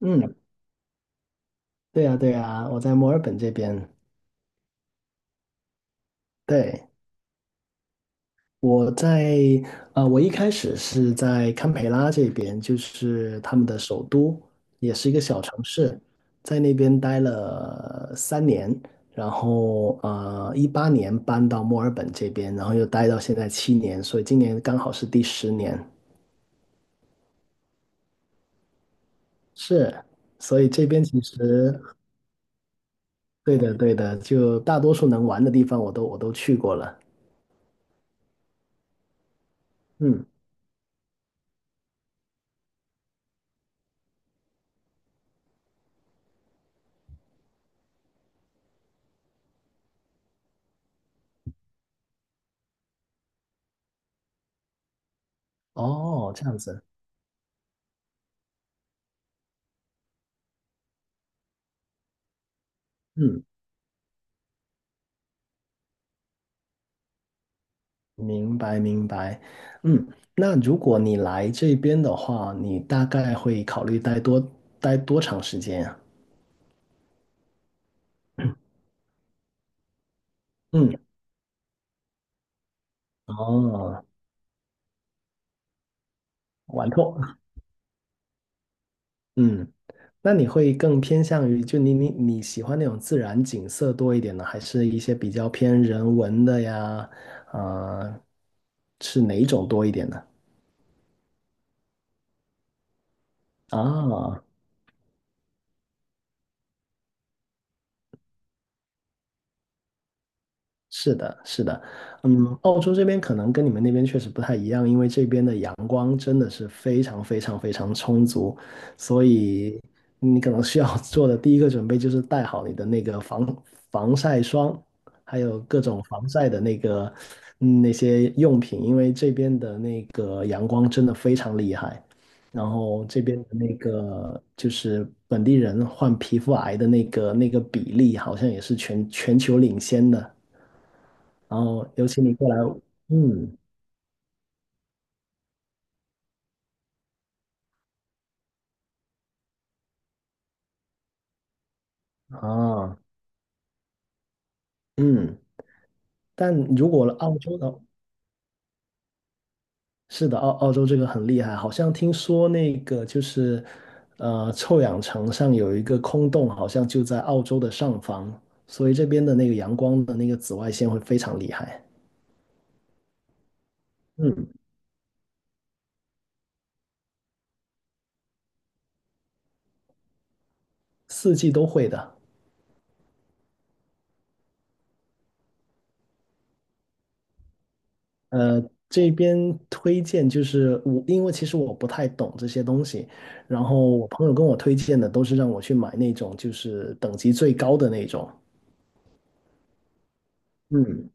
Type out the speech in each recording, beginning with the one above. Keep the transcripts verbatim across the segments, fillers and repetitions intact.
嗯，对呀，对呀，我在墨尔本这边。对，我在呃，我一开始是在堪培拉这边，就是他们的首都，也是一个小城市，在那边待了三年，然后呃，一八年搬到墨尔本这边，然后又待到现在七年，所以今年刚好是第十年。是，所以这边其实对的，对的，就大多数能玩的地方我都我都去过了。嗯，哦，这样子。嗯。明白明白，嗯，那如果你来这边的话，你大概会考虑待多待多长时间啊？嗯，哦，玩透，嗯，那你会更偏向于就你你你喜欢那种自然景色多一点呢，还是一些比较偏人文的呀？啊、是哪一种多一点呢？啊，是的，是的，嗯，澳洲这边可能跟你们那边确实不太一样，因为这边的阳光真的是非常非常非常充足，所以你可能需要 做的第一个准备就是带好你的那个防防晒霜，还有各种防晒的那个嗯那些用品，因为这边的那个阳光真的非常厉害，然后这边的那个就是本地人患皮肤癌的那个那个比例好像也是全全球领先的。然后有请你过来，嗯啊嗯，但如果澳洲的，是的，澳澳洲这个很厉害，好像听说那个就是呃臭氧层上有一个空洞，好像就在澳洲的上方，所以这边的那个阳光的那个紫外线会非常厉害，嗯，四季都会的。呃，这边推荐就是我，因为其实我不太懂这些东西，然后我朋友跟我推荐的都是让我去买那种就是等级最高的那种。嗯，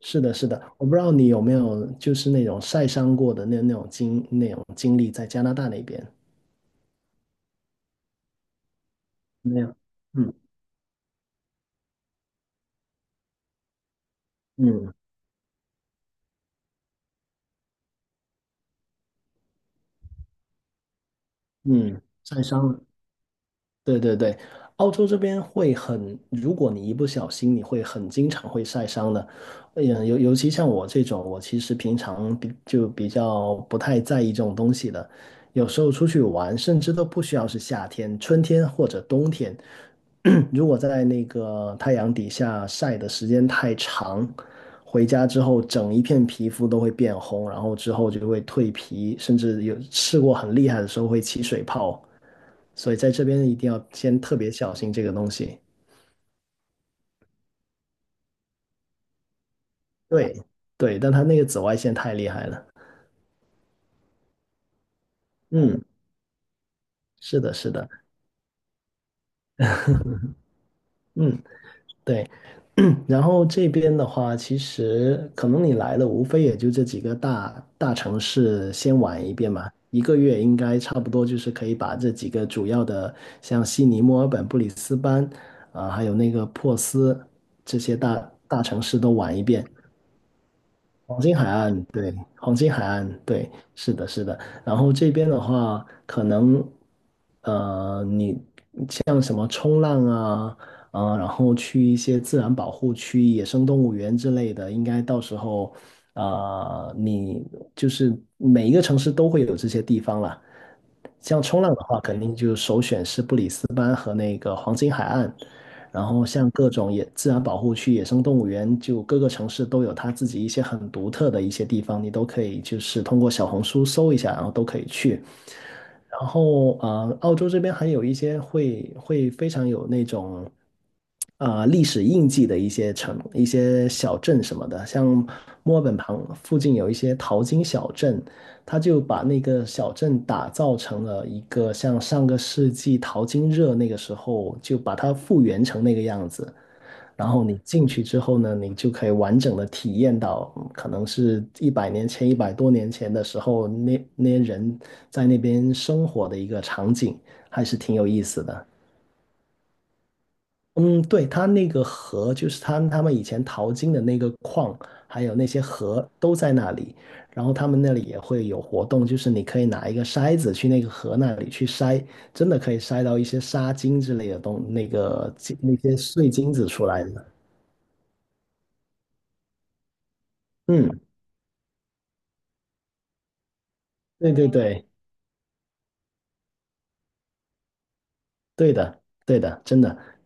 是的，是的，我不知道你有没有就是那种晒伤过的那那种经那种经历在加拿大那边没有？嗯嗯嗯，晒伤了。对对对，澳洲这边会很，如果你一不小心，你会很经常会晒伤的。嗯，尤尤其像我这种，我其实平常比就比较不太在意这种东西的。有时候出去玩，甚至都不需要是夏天、春天或者冬天，如果在那个太阳底下晒的时间太长，回家之后整一片皮肤都会变红，然后之后就会蜕皮，甚至有试过很厉害的时候会起水泡。所以在这边一定要先特别小心这个东西。对对，但它那个紫外线太厉害了。嗯，是的，是的，嗯，对。然后这边的话，其实可能你来了，无非也就这几个大大城市先玩一遍嘛。一个月应该差不多就是可以把这几个主要的，像悉尼、墨尔本、布里斯班，啊、还有那个珀斯这些大大城市都玩一遍。黄金海岸，对，黄金海岸，对，是的，是的。然后这边的话，可能，呃，你像什么冲浪啊，啊、然后去一些自然保护区、野生动物园之类的，应该到时候，啊、你就是每一个城市都会有这些地方啦。像冲浪的话，肯定就首选是布里斯班和那个黄金海岸。然后像各种野自然保护区、野生动物园，就各个城市都有它自己一些很独特的一些地方，你都可以就是通过小红书搜一下，然后都可以去。然后呃，澳洲这边还有一些会会非常有那种啊、呃历史印记的一些城、一些小镇什么的，像墨尔本旁附近有一些淘金小镇，他就把那个小镇打造成了一个像上个世纪淘金热那个时候，就把它复原成那个样子。然后你进去之后呢，你就可以完整的体验到，嗯可能是一百年前、一百多年前的时候，那那些人在那边生活的一个场景，还是挺有意思的。嗯，对，它那个河，就是他他们以前淘金的那个矿，还有那些河都在那里。然后他们那里也会有活动，就是你可以拿一个筛子去那个河那里去筛，真的可以筛到一些沙金之类的东，那个金那些碎金子出来的。嗯，对对对，对的，对的，真的。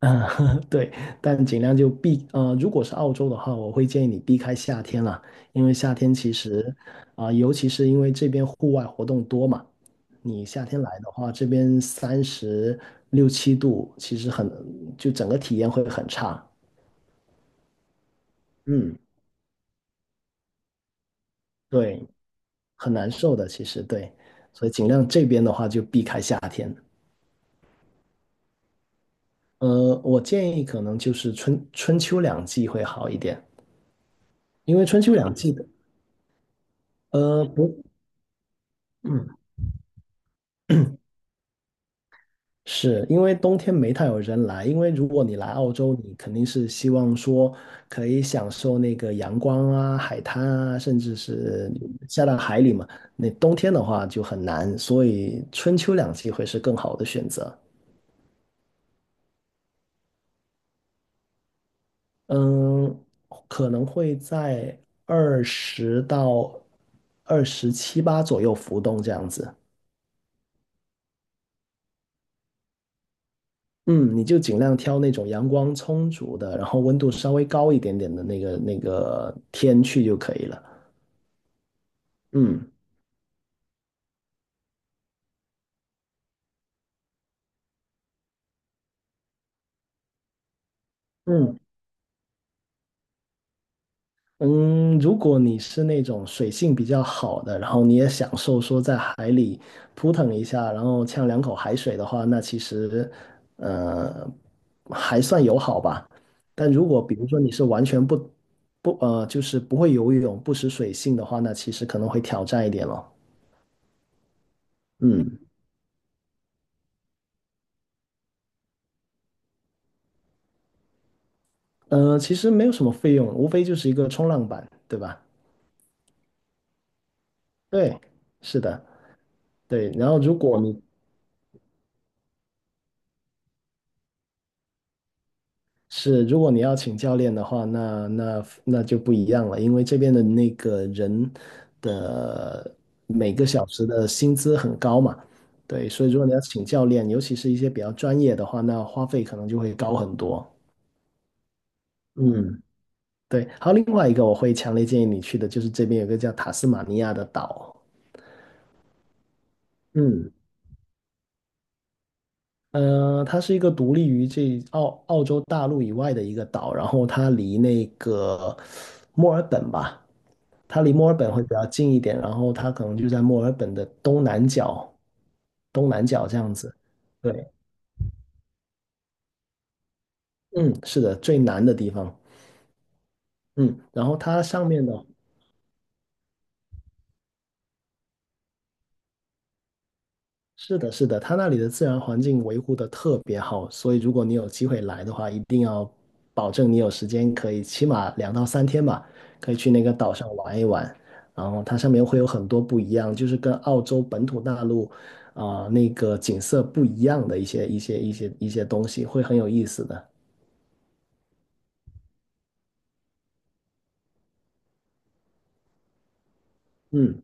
嗯，对，但尽量就避，呃，如果是澳洲的话，我会建议你避开夏天了，因为夏天其实，啊、尤其是因为这边户外活动多嘛，你夏天来的话，这边三十六七度，其实很，就整个体验会很差，嗯，对，很难受的，其实对，所以尽量这边的话就避开夏天，呃，我建议可能就是春春秋两季会好一点，因为春秋两季的，呃，不。嗯是因为冬天没太有人来，因为如果你来澳洲，你肯定是希望说可以享受那个阳光啊、海滩啊，甚至是下到海里嘛。那冬天的话就很难，所以春秋两季会是更好的选择。嗯，可能会在二十到二十七八左右浮动这样子。嗯，你就尽量挑那种阳光充足的，然后温度稍微高一点点的那个那个天去就可以了。嗯嗯嗯，如果你是那种水性比较好的，然后你也享受说在海里扑腾一下，然后呛两口海水的话，那其实呃还算友好吧。但如果比如说你是完全不不呃就是不会游泳、不识水性的话，那其实可能会挑战一点咯。嗯呃，其实没有什么费用，无非就是一个冲浪板，对吧？对，是的，对。然后如果你是，如果你要请教练的话，那那那就不一样了，因为这边的那个人的每个小时的薪资很高嘛，对，所以如果你要请教练，尤其是一些比较专业的话，那花费可能就会高很多。嗯，对。还有另外一个我会强烈建议你去的，就是这边有个叫塔斯马尼亚的岛。嗯，嗯，它是一个独立于这澳澳洲大陆以外的一个岛，然后它离那个墨尔本吧，它离墨尔本会比较近一点，然后它可能就在墨尔本的东南角，东南角这样子。对，嗯，是的，最南的地方。嗯，然后它上面的是的，是的，它那里的自然环境维护的特别好，所以如果你有机会来的话，一定要保证你有时间，可以起码两到三天吧，可以去那个岛上玩一玩。然后它上面会有很多不一样，就是跟澳洲本土大陆啊、那个景色不一样的一些一些一些一些东西，会很有意思的。嗯。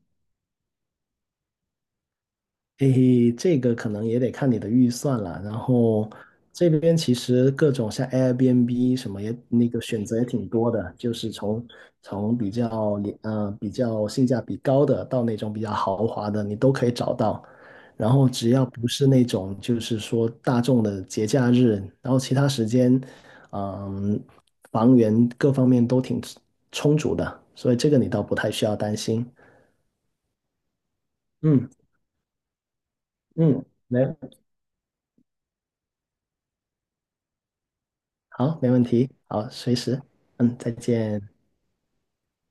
诶，这个可能也得看你的预算了。然后这边其实各种像 Airbnb 什么也那个选择也挺多的，就是从从比较廉呃比较性价比高的到那种比较豪华的，你都可以找到。然后只要不是那种就是说大众的节假日，然后其他时间，嗯，房源各方面都挺充足的，所以这个你倒不太需要担心。嗯嗯，没好，没问题，好，随时，嗯，再见。